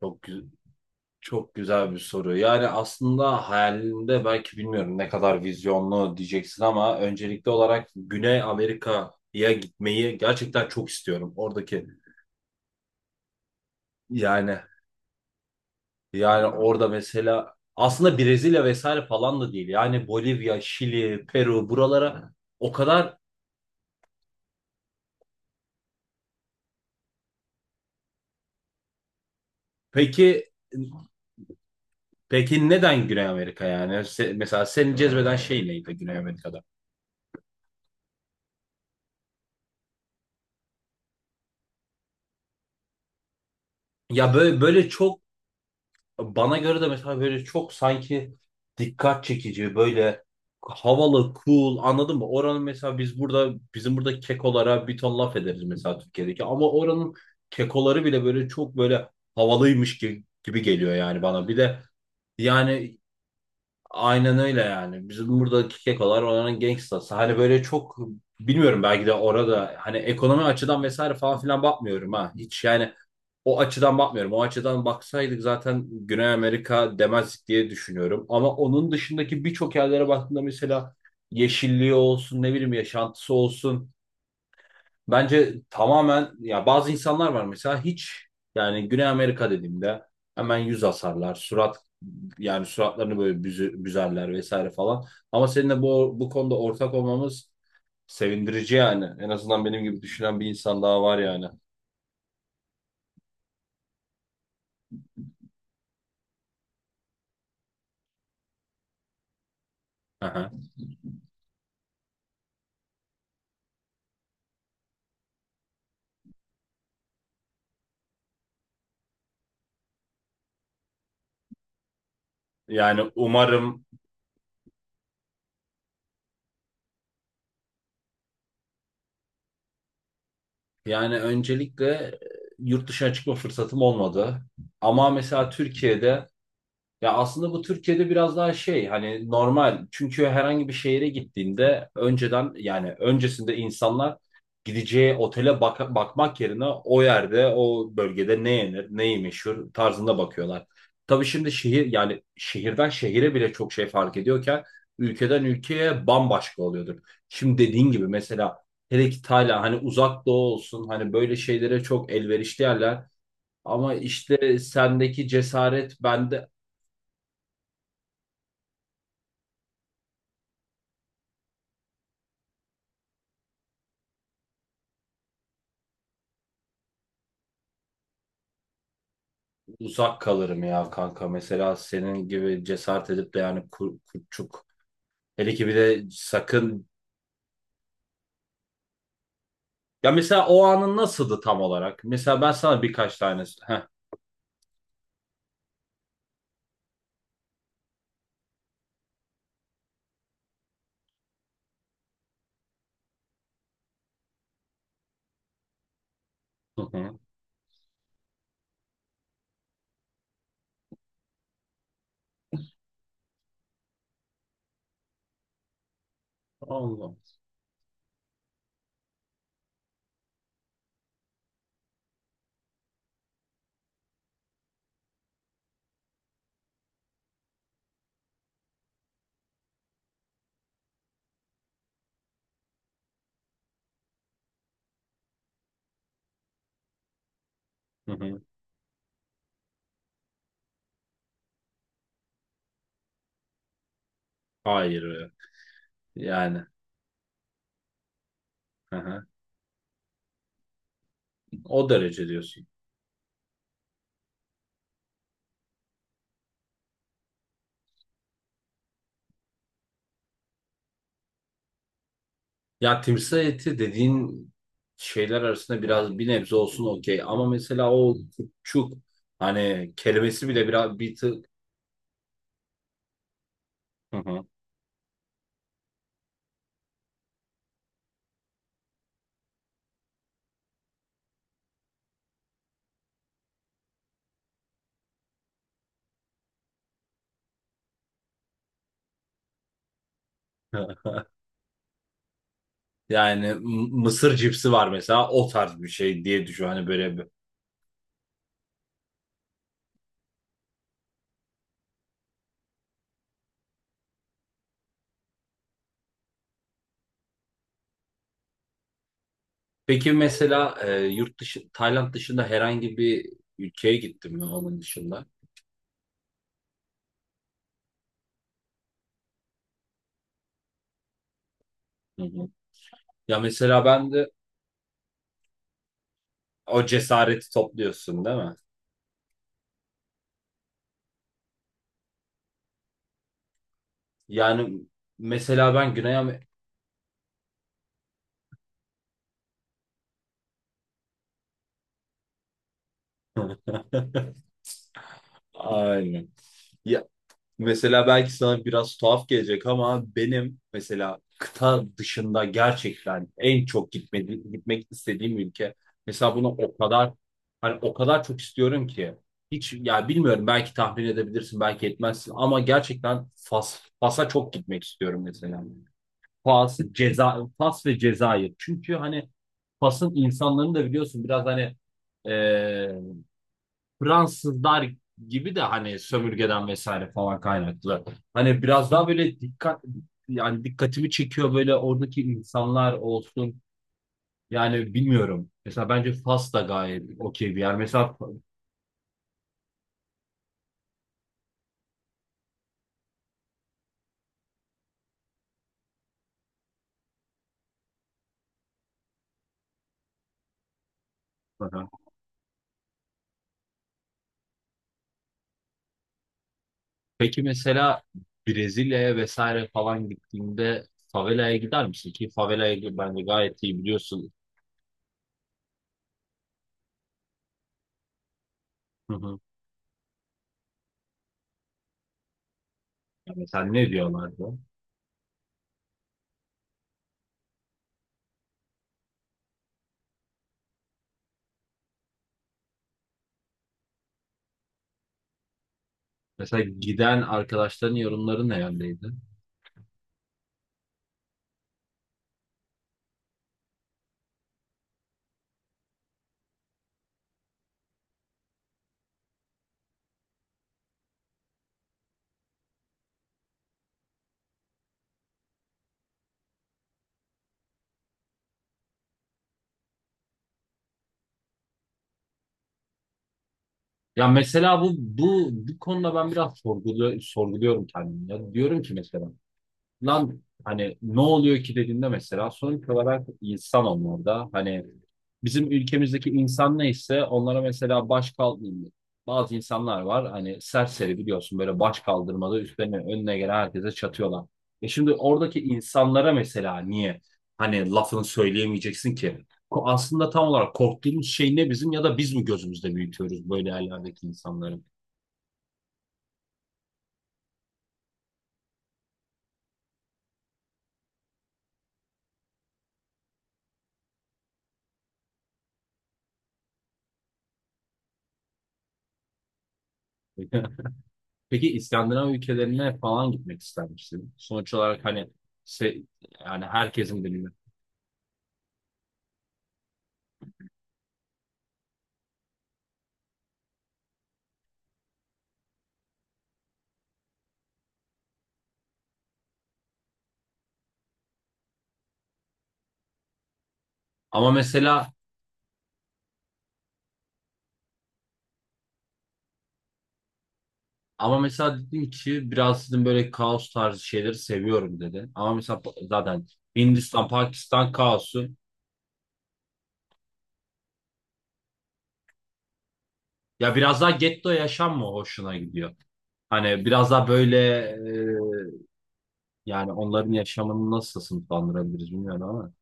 Çok, gü- çok güzel bir soru. Yani aslında hayalinde belki bilmiyorum ne kadar vizyonlu diyeceksin ama öncelikli olarak Güney Amerika'ya gitmeyi gerçekten çok istiyorum. Oradaki yani yani orada mesela aslında Brezilya vesaire falan da değil. Yani Bolivya, Şili, Peru buralara o kadar peki peki neden Güney Amerika yani? Mesela seni cezbeden şey neydi Güney Amerika'da? Ya böyle çok, bana göre de mesela böyle çok sanki dikkat çekici, böyle havalı, cool anladın mı? Oranın mesela bizim burada kekolara bir ton laf ederiz mesela Türkiye'deki ama oranın kekoları bile böyle çok böyle havalıymış gibi geliyor yani bana. Bir de yani aynen öyle yani. Bizim buradaki kekolar oranın gangstası. Hani böyle çok bilmiyorum, belki de orada hani ekonomi açıdan vesaire falan filan bakmıyorum ha. Hiç yani o açıdan bakmıyorum. O açıdan baksaydık zaten Güney Amerika demezdik diye düşünüyorum. Ama onun dışındaki birçok yerlere baktığında mesela yeşilliği olsun, ne bileyim yaşantısı olsun. Bence tamamen, ya bazı insanlar var mesela hiç yani Güney Amerika dediğimde hemen yüz asarlar, surat yani suratlarını böyle büzerler vesaire falan. Ama seninle bu konuda ortak olmamız sevindirici yani. En azından benim gibi düşünen bir insan daha var yani. Aha. Yani umarım. Yani öncelikle yurt dışına çıkma fırsatım olmadı. Ama mesela Türkiye'de ya aslında bu Türkiye'de biraz daha şey hani normal. Çünkü herhangi bir şehire gittiğinde önceden yani öncesinde insanlar gideceği otele bakmak yerine o yerde o bölgede ne yenir, neyi meşhur tarzında bakıyorlar. Tabii şimdi şehir yani şehirden şehire bile çok şey fark ediyorken ülkeden ülkeye bambaşka oluyordur. Şimdi dediğin gibi mesela hele ki Tayland, hani uzak doğu olsun, hani böyle şeylere çok elverişli yerler. Ama işte sendeki cesaret bende uzak kalırım ya kanka. Mesela senin gibi cesaret edip de yani kurtçuk. Hele ki bir de sakın. Ya mesela o anın nasıldı tam olarak? Mesela ben sana birkaç tane. Heh. Hı hı. Allah. Hı hı. Hayır. Yani. Hı hı. O derece diyorsun. Ya timsah eti dediğin şeyler arasında biraz bir nebze olsun okey. Ama mesela o kurtçuk hani kelimesi bile biraz bir tık. Hı hı. Yani mısır cipsi var mesela, o tarz bir şey diye düşün hani böyle bir. Peki mesela yurt dışı Tayland dışında herhangi bir ülkeye gittin mi onun dışında? Hı hı. Ya mesela ben de o cesareti topluyorsun değil mi? Yani mesela ben Güney Amerika aynen. Mesela belki sana biraz tuhaf gelecek ama benim mesela kıta dışında gerçekten en çok gitmek istediğim ülke. Mesela bunu o kadar, hani o kadar çok istiyorum ki hiç ya bilmiyorum, belki tahmin edebilirsin belki etmezsin ama gerçekten Fas'a çok gitmek istiyorum mesela. Fas, Fas ve Cezayir. Çünkü hani Fas'ın insanlarını da biliyorsun biraz hani Fransızlar gibi de hani sömürgeden vesaire falan kaynaklı. Hani biraz daha böyle dikkat yani dikkatimi çekiyor böyle oradaki insanlar olsun. Yani bilmiyorum. Mesela bence Fas da gayet okey bir yer. Mesela peki mesela Brezilya'ya vesaire falan gittiğinde favelaya gider misin ki favelaya bence gayet iyi biliyorsun. Hı hı. Ya mesela ne diyorlardı? Mesela giden arkadaşların yorumları ne yöndeydi? Ya mesela bu konuda ben biraz sorguluyorum kendimi. Ya diyorum ki mesela lan hani ne oluyor ki dediğinde mesela sonuç olarak insan onlarda hani bizim ülkemizdeki insan neyse onlara mesela baş kaldırmıyor. Bazı insanlar var hani serseri biliyorsun böyle baş kaldırmada üstlerine önüne gelen herkese çatıyorlar. E şimdi oradaki insanlara mesela niye hani lafını söyleyemeyeceksin ki? Aslında tam olarak korktuğumuz şey ne bizim, ya da biz mi gözümüzde büyütüyoruz böyle yerlerdeki insanları? Peki İskandinav ülkelerine falan gitmek ister misin? Sonuç olarak hani se- yani herkesin bilimi. Ama mesela ama mesela dedin ki biraz sizin böyle kaos tarzı şeyleri seviyorum dedi. Ama mesela zaten Hindistan, Pakistan kaosu. Ya biraz daha getto yaşam mı hoşuna gidiyor? Hani biraz daha böyle e, yani onların yaşamını nasıl sınıflandırabiliriz bilmiyorum ama.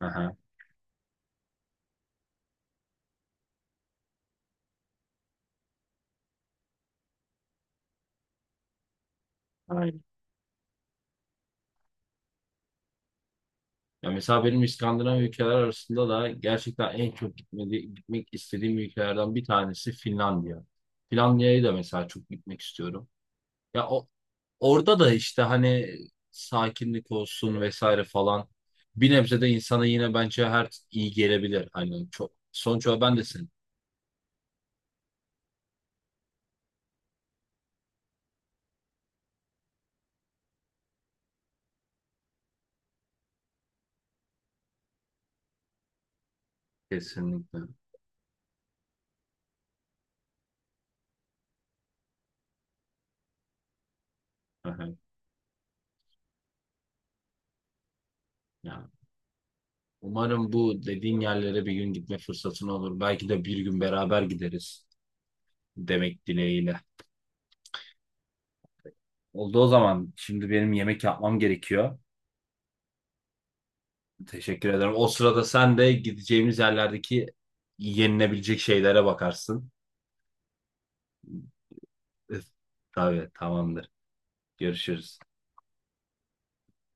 Aha, aynen. Ya mesela benim İskandinav ülkeler arasında da gerçekten en çok gitmek istediğim ülkelerden bir tanesi Finlandiya. Finlandiya'ya da mesela çok gitmek istiyorum. Ya orada da işte hani sakinlik olsun vesaire falan bir nebze de insana yine bence her iyi gelebilir. Hani çok sonuç olarak ben de sen kesinlikle. Hı hı. Yani umarım bu dediğin yerlere bir gün gitme fırsatın olur. Belki de bir gün beraber gideriz demek dileğiyle. Oldu o zaman. Şimdi benim yemek yapmam gerekiyor. Teşekkür ederim. O sırada sen de gideceğimiz yerlerdeki yenilebilecek şeylere bakarsın. Üf, tabii tamamdır. Görüşürüz.